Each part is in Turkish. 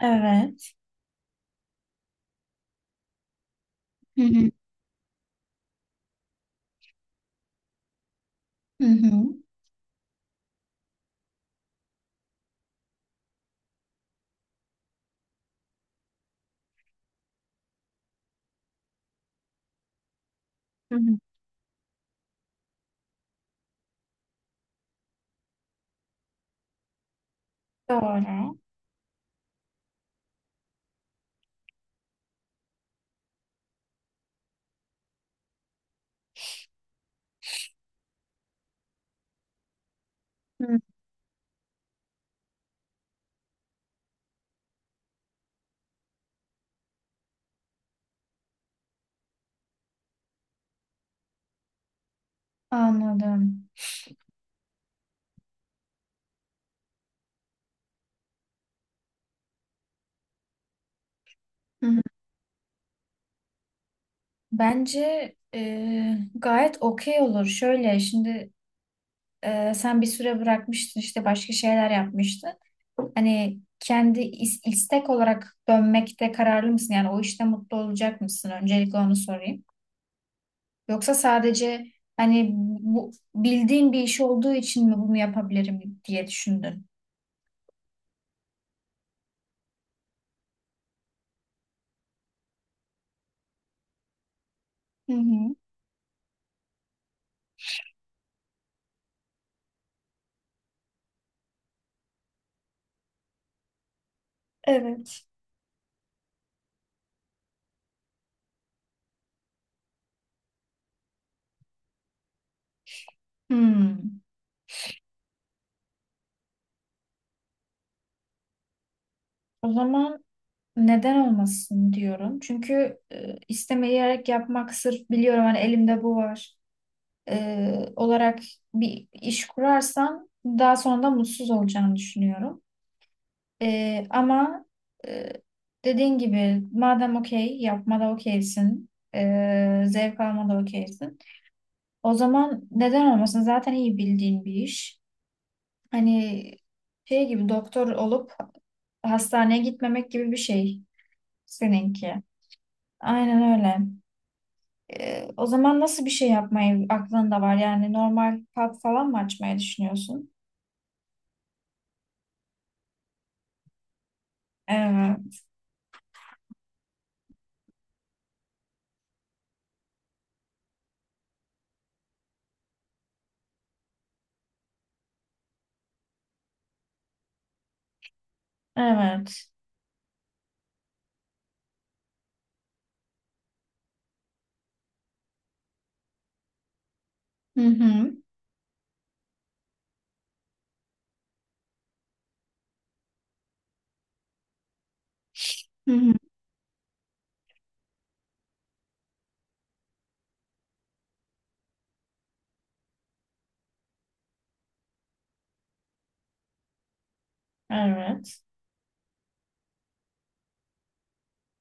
Evet. Hı hı. Hı hı. Hı hı. Doğru. Hı. Anladım. Hı hı. Bence gayet okey olur. Şöyle şimdi sen bir süre bırakmıştın işte başka şeyler yapmıştın. Hani kendi istek olarak dönmekte kararlı mısın? Yani o işte mutlu olacak mısın? Öncelikle onu sorayım. Yoksa sadece hani bu bildiğin bir iş olduğu için mi bunu yapabilirim diye düşündün? Hı hı. Evet. Hmm. O zaman neden olmasın diyorum. Çünkü istemeyerek yapmak sırf biliyorum hani elimde bu var olarak bir iş kurarsam daha sonra da mutsuz olacağını düşünüyorum. Ama e, dediğin gibi madem okey yapmada okeysin, zevk almada okeysin. O zaman neden olmasın? Zaten iyi bildiğin bir iş. Hani şey gibi doktor olup hastaneye gitmemek gibi bir şey seninki. Aynen öyle. O zaman nasıl bir şey yapmayı aklında var? Yani normal pub falan mı açmayı düşünüyorsun? Evet. Evet. Hı hı. Hı hı. Evet.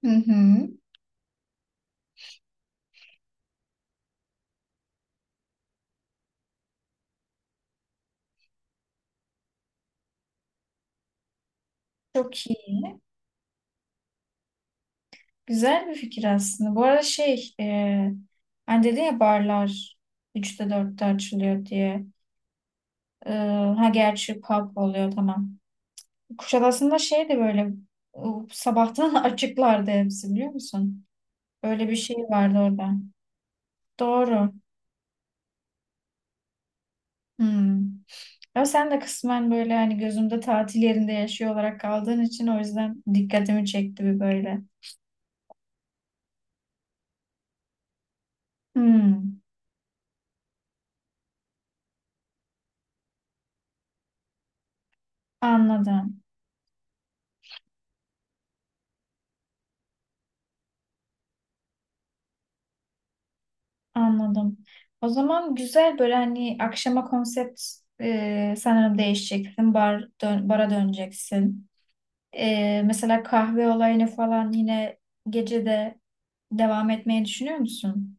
Hı hı. Çok iyi. Güzel bir fikir aslında. Bu arada şey, hani dedin ya barlar üçte dörtte açılıyor diye. Ee, ha gerçi pub oluyor tamam. Kuşadası'nda şey de böyle e, sabahtan açıklardı hepsi biliyor musun? Böyle bir şey vardı orada. Doğru. Hı. Ama sen de kısmen böyle hani gözümde tatil yerinde yaşıyor olarak kaldığın için o yüzden dikkatimi çekti bir böyle. Hmm, anladım, anladım. O zaman güzel böyle hani akşama konsept sanırım değişeceksin. Bara döneceksin. Mesela kahve olayını falan yine gecede devam etmeyi düşünüyor musun?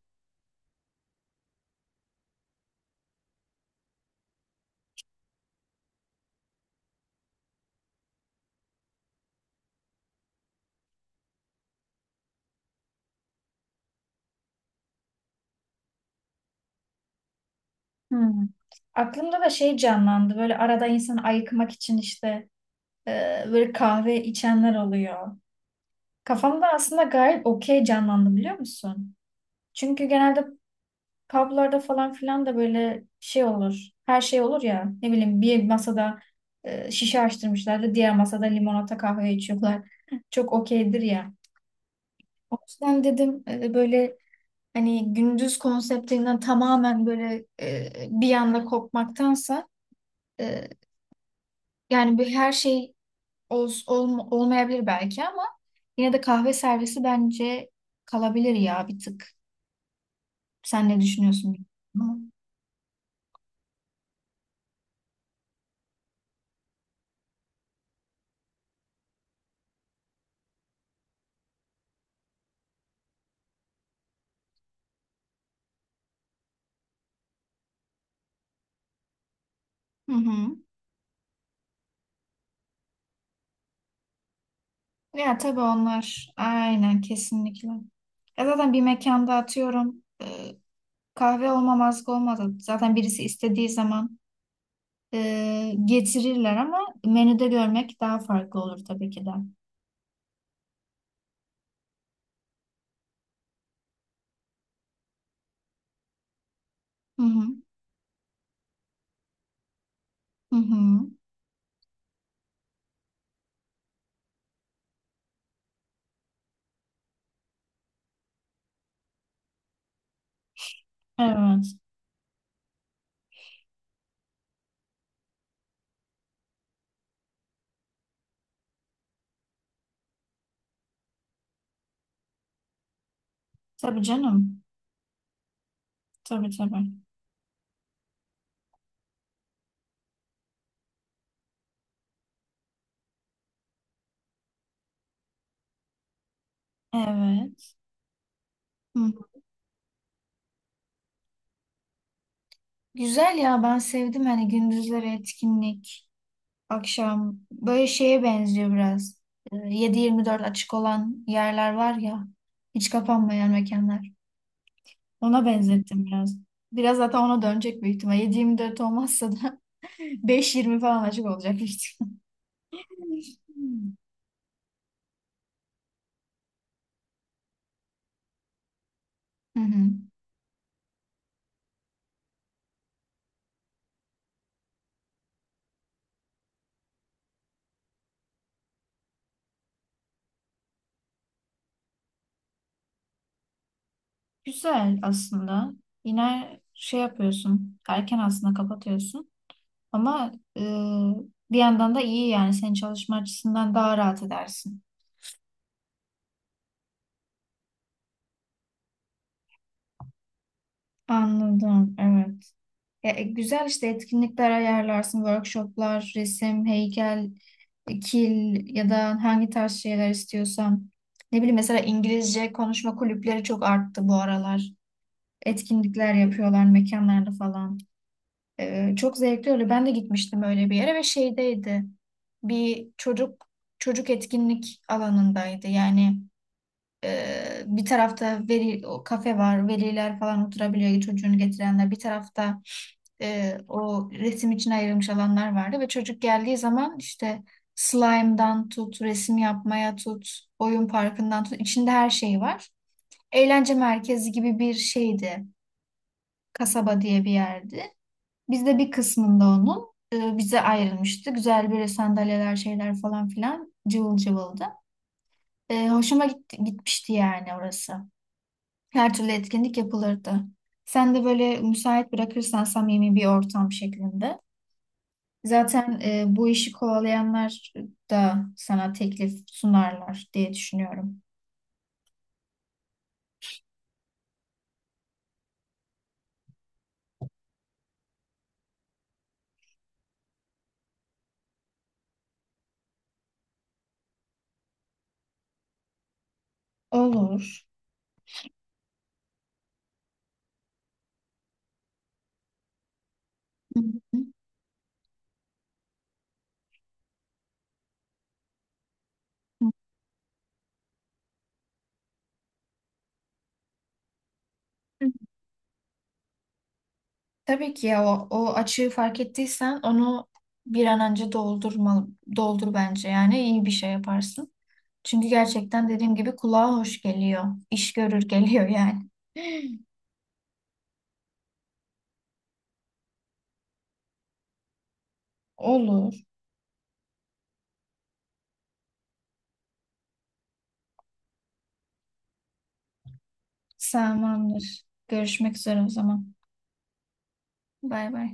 Hmm. Aklımda da şey canlandı böyle arada insan ayıkmak için işte e, böyle kahve içenler oluyor. Kafamda aslında gayet okey canlandı biliyor musun? Çünkü genelde publarda falan filan da böyle şey olur. Her şey olur ya. Ne bileyim bir masada şişe açtırmışlar da diğer masada limonata kahve içiyorlar. Çok okeydir ya. O yüzden dedim böyle hani gündüz konseptinden tamamen böyle bir anda kopmaktansa e, yani bir her şey olmayabilir belki ama yine de kahve servisi bence kalabilir ya bir tık. Sen ne düşünüyorsun? Hı hı. Ya tabii onlar aynen kesinlikle. Ya zaten bir mekanda atıyorum kahve olmamazlık olmadı. Zaten birisi istediği zaman getirirler ama menüde görmek daha farklı olur tabii ki de. Hı hı. Hı hı. Evet. Tabii canım. Tabii tabii. Evet. Hı. Güzel ya ben sevdim hani gündüzleri etkinlik. Akşam böyle şeye benziyor biraz. 7/24 açık olan yerler var ya, hiç kapanmayan mekanlar. Ona benzettim biraz. Biraz zaten ona dönecek büyük ihtimal. 7/24 olmazsa da 5/20 falan açık olacak büyük ihtimal. Hı hı. Güzel aslında. Yine şey yapıyorsun. Erken aslında kapatıyorsun. Ama e, bir yandan da iyi yani. Senin çalışma açısından daha rahat edersin. Anladım. Evet. Ya, güzel işte etkinlikler ayarlarsın, workshoplar, resim, heykel, kil ya da hangi tarz şeyler istiyorsan. Ne bileyim mesela İngilizce konuşma kulüpleri çok arttı bu aralar. Etkinlikler yapıyorlar mekanlarda falan. Çok zevkli oluyor. Ben de gitmiştim öyle bir yere ve şeydeydi. Bir çocuk Çocuk etkinlik alanındaydı. Yani bir tarafta veri o kafe var, veliler falan oturabiliyor çocuğunu getirenler. Bir tarafta o resim için ayrılmış alanlar vardı ve çocuk geldiği zaman işte slime'dan tut, resim yapmaya tut, oyun parkından tut, içinde her şey var. Eğlence merkezi gibi bir şeydi. Kasaba diye bir yerdi. Biz de bir kısmında onun bize ayrılmıştı. Güzel böyle sandalyeler, şeyler falan filan cıvıl cıvıldı. Hoşuma gitti, gitmişti yani orası. Her türlü etkinlik yapılırdı. Sen de böyle müsait bırakırsan samimi bir ortam şeklinde. Zaten bu işi kovalayanlar da sana teklif sunarlar diye düşünüyorum. Olur. Hı hı. Hı hı. Tabii ki ya o açığı fark ettiysen onu bir an önce doldur bence. Yani iyi bir şey yaparsın. Çünkü gerçekten dediğim gibi kulağa hoş geliyor. İş görür geliyor yani. Olur. Tamamdır. Görüşmek üzere o zaman. Bay bay.